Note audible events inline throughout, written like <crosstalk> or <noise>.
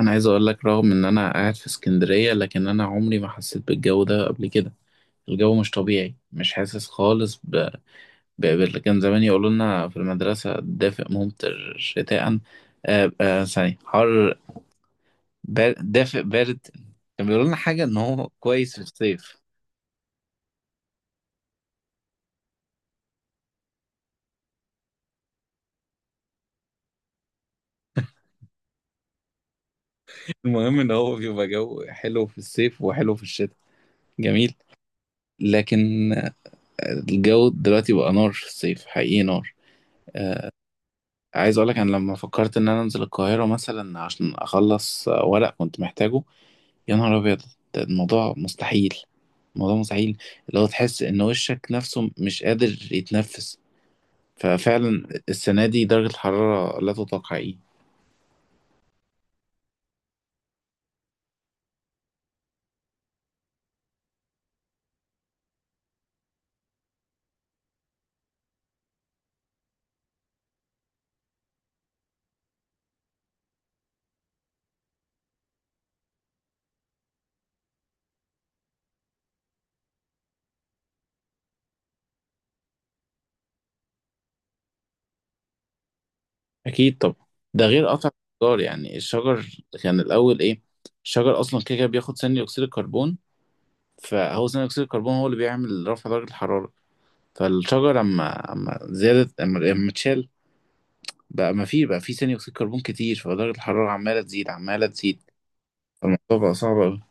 انا عايز اقول لك رغم ان انا قاعد في اسكندرية، لكن انا عمري ما حسيت بالجو ده قبل كده. الجو مش طبيعي، مش حاسس خالص كان زمان يقولوا لنا في المدرسة دافئ ممطر شتاء. ثانية حر. دافئ بارد. كان بيقولوا لنا حاجة ان هو كويس في الصيف. <laughs> المهم ان هو بيبقى جو حلو في الصيف وحلو في الشتاء. جميل. لكن الجو دلوقتي بقى نار في الصيف، حقيقي نار. عايز اقولك انا لما فكرت ان انا انزل القاهرة مثلا عشان اخلص ورق كنت محتاجه، يا نهار ابيض. ده الموضوع مستحيل. الموضوع مستحيل. اللي هو تحس ان وشك نفسه مش قادر يتنفس. ففعلا السنة دي درجة الحرارة لا تطاق حقيقي. اكيد طبعا. ده غير قطع الشجار، يعني الشجر، كان الاول ايه. الشجر اصلا كده كده بياخد ثاني اكسيد الكربون. فهو ثاني اكسيد الكربون هو اللي بيعمل رفع درجة الحرارة. فالشجر اما زادت، اما اتشال، بقى ما في بقى في ثاني اكسيد كربون كتير، فدرجه الحراره عماله تزيد عماله تزيد. فالموضوع بقى صعب قوي.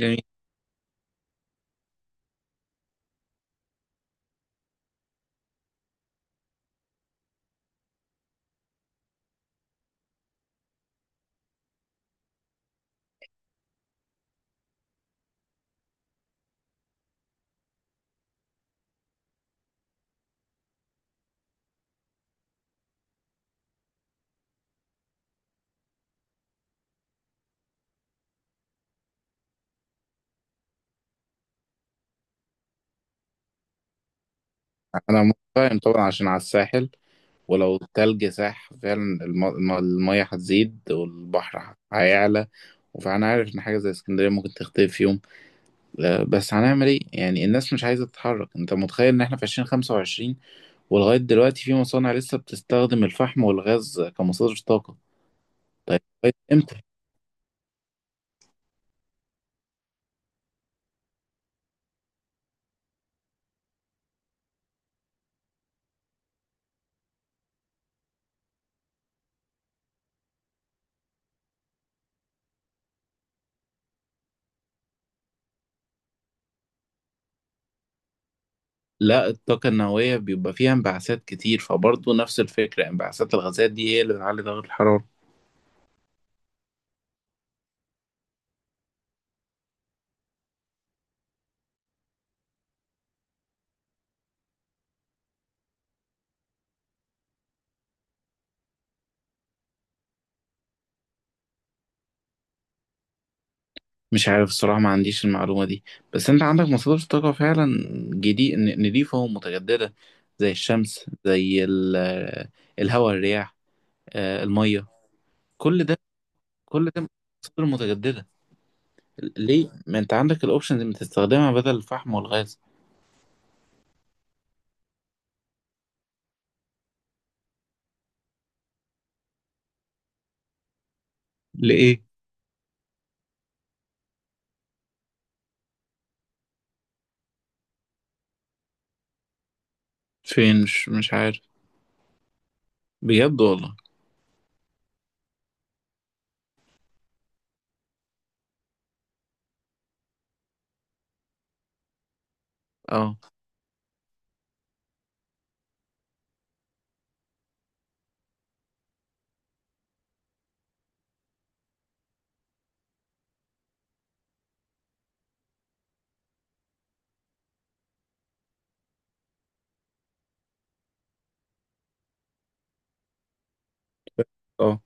جميل. انا متفاهم طبعا عشان على الساحل. ولو التلج ساح فعلا المية هتزيد والبحر هيعلى. فانا عارف ان حاجه زي اسكندريه ممكن تختفي في يوم. لا، بس هنعمل ايه يعني؟ الناس مش عايزه تتحرك. انت متخيل ان احنا في 2025 ولغايه دلوقتي في مصانع لسه بتستخدم الفحم والغاز كمصادر طاقه؟ طيب لغاية امتى؟ لا، الطاقة النووية بيبقى فيها انبعاثات كتير، فبرضه نفس الفكرة، انبعاثات الغازات دي هي اللي بتعلي ضغط الحرارة. مش عارف الصراحة، ما عنديش المعلومة دي. بس انت عندك مصادر طاقة فعلا جديد نضيفة ومتجددة، زي الشمس، زي الهواء الرياح، المية. كل ده، كل ده مصادر متجددة. ليه ما انت عندك الاوبشنز اللي بتستخدمها بدل الفحم والغاز؟ لإيه؟ فين؟ مش عارف. بجد والله؟ اه، اه،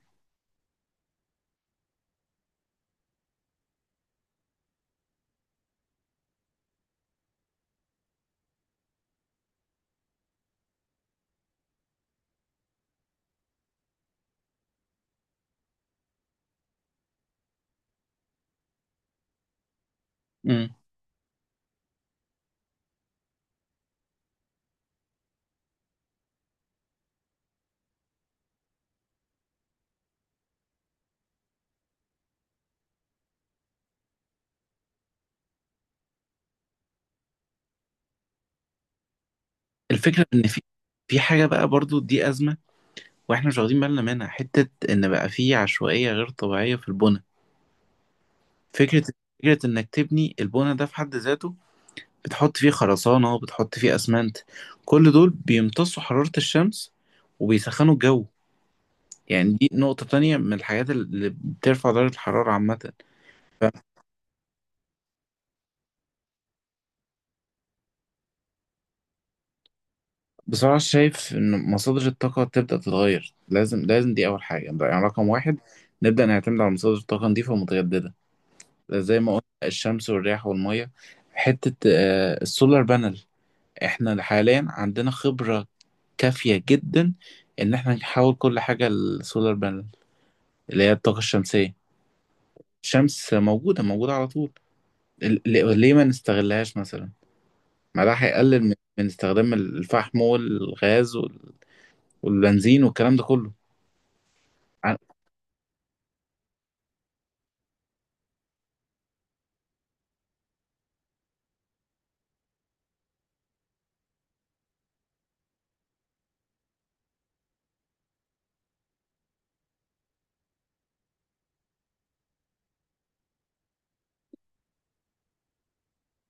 الفكرة إن في، في حاجة بقى برضو دي أزمة، وإحنا مش واخدين بالنا منها، حتة إن بقى في عشوائية غير طبيعية في البنى. فكرة، فكرة إنك تبني البنى ده في حد ذاته، بتحط فيه خرسانة وبتحط فيه أسمنت. كل دول بيمتصوا حرارة الشمس وبيسخنوا الجو. يعني دي نقطة تانية من الحاجات اللي بترفع درجة الحرارة عامة. فبصراحة شايف إن مصادر الطاقة تبدأ تتغير، لازم لازم، دي أول حاجة يعني، رقم واحد نبدأ نعتمد على مصادر الطاقة نظيفة ومتجددة. زي ما قلنا الشمس والرياح والميه. حته السولار بانل، احنا حاليا عندنا خبره كافيه جدا ان احنا نحول كل حاجه للسولار بانل، اللي هي الطاقه الشمسيه. الشمس موجوده موجوده على طول. ليه ما نستغلهاش مثلا؟ ما ده هيقلل من استخدام الفحم والغاز والبنزين والكلام ده كله. ع-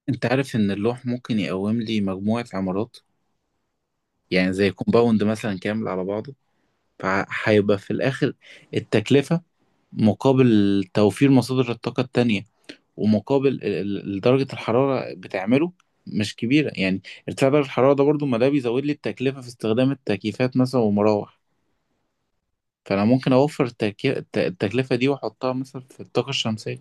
انت عارف ان اللوح ممكن يقوم لي مجموعه عمارات، يعني زي كومباوند مثلا كامل على بعضه. فهيبقى في الاخر التكلفه مقابل توفير مصادر الطاقة التانية، ومقابل درجة الحرارة بتعمله، مش كبيرة يعني. ارتفاع درجة الحرارة ده برضو ما ده بيزود لي التكلفة في استخدام التكييفات مثلا والمراوح. فأنا ممكن أوفر التكلفة دي وأحطها مثلا في الطاقة الشمسية.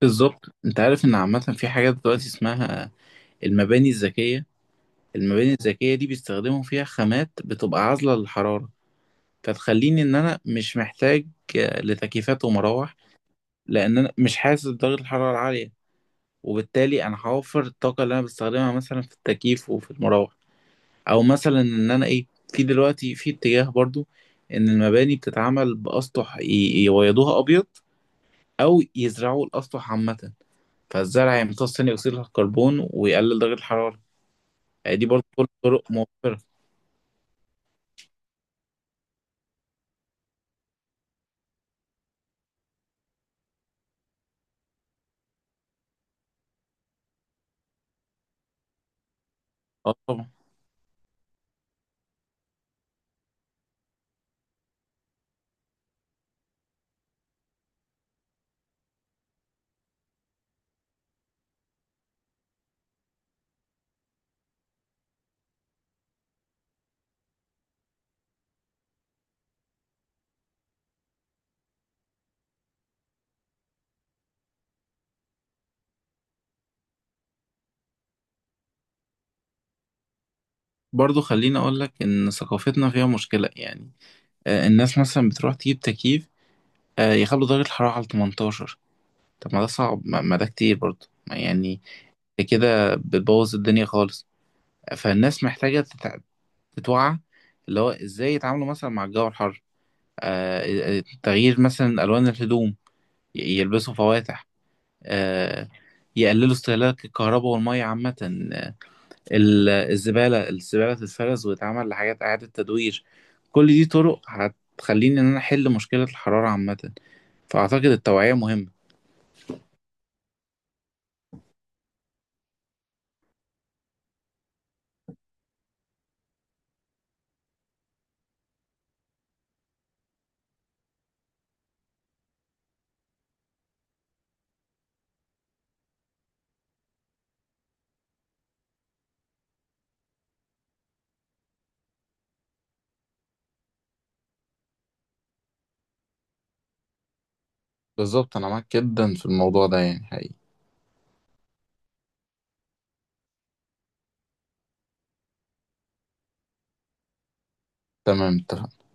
بالظبط أنت عارف إن عامة في حاجات دلوقتي اسمها المباني الذكية. المباني الذكية دي بيستخدموا فيها خامات بتبقى عازلة للحرارة، فتخليني إن أنا مش محتاج لتكييفات ومراوح، لأن أنا مش حاسس بدرجة الحرارة العالية. وبالتالي انا هوفر الطاقه اللي انا بستخدمها مثلا في التكييف وفي المراوح. او مثلا ان انا ايه، في دلوقتي في اتجاه برضو ان المباني بتتعمل باسطح يبيضوها ابيض، او يزرعوا الاسطح عامه. فالزرع يمتص ثاني اكسيد الكربون ويقلل درجه الحراره. يعني دي برضو كل طرق موفره. اه، طبعا. برضو خليني اقول لك ان ثقافتنا فيها مشكله يعني. الناس مثلا بتروح تجيب تكييف، يخلوا درجه الحراره على 18. طب ما ده صعب، ما ده كتير برضو ما يعني. كده بتبوظ الدنيا خالص. فالناس محتاجة تتوعى، اللي هو ازاي يتعاملوا مثلا مع الجو الحر. تغيير مثلا ألوان الهدوم، يلبسوا فواتح، آه، يقللوا استهلاك الكهرباء والمية عامة. آه، الزبالة تتفرز وتتعمل لحاجات إعادة تدوير. كل دي طرق هتخليني إن أنا أحل مشكلة الحرارة عامة. فأعتقد التوعية مهمة. بالظبط انا معاك جدا في الموضوع ده يعني حقيقي. تمام اتفقنا.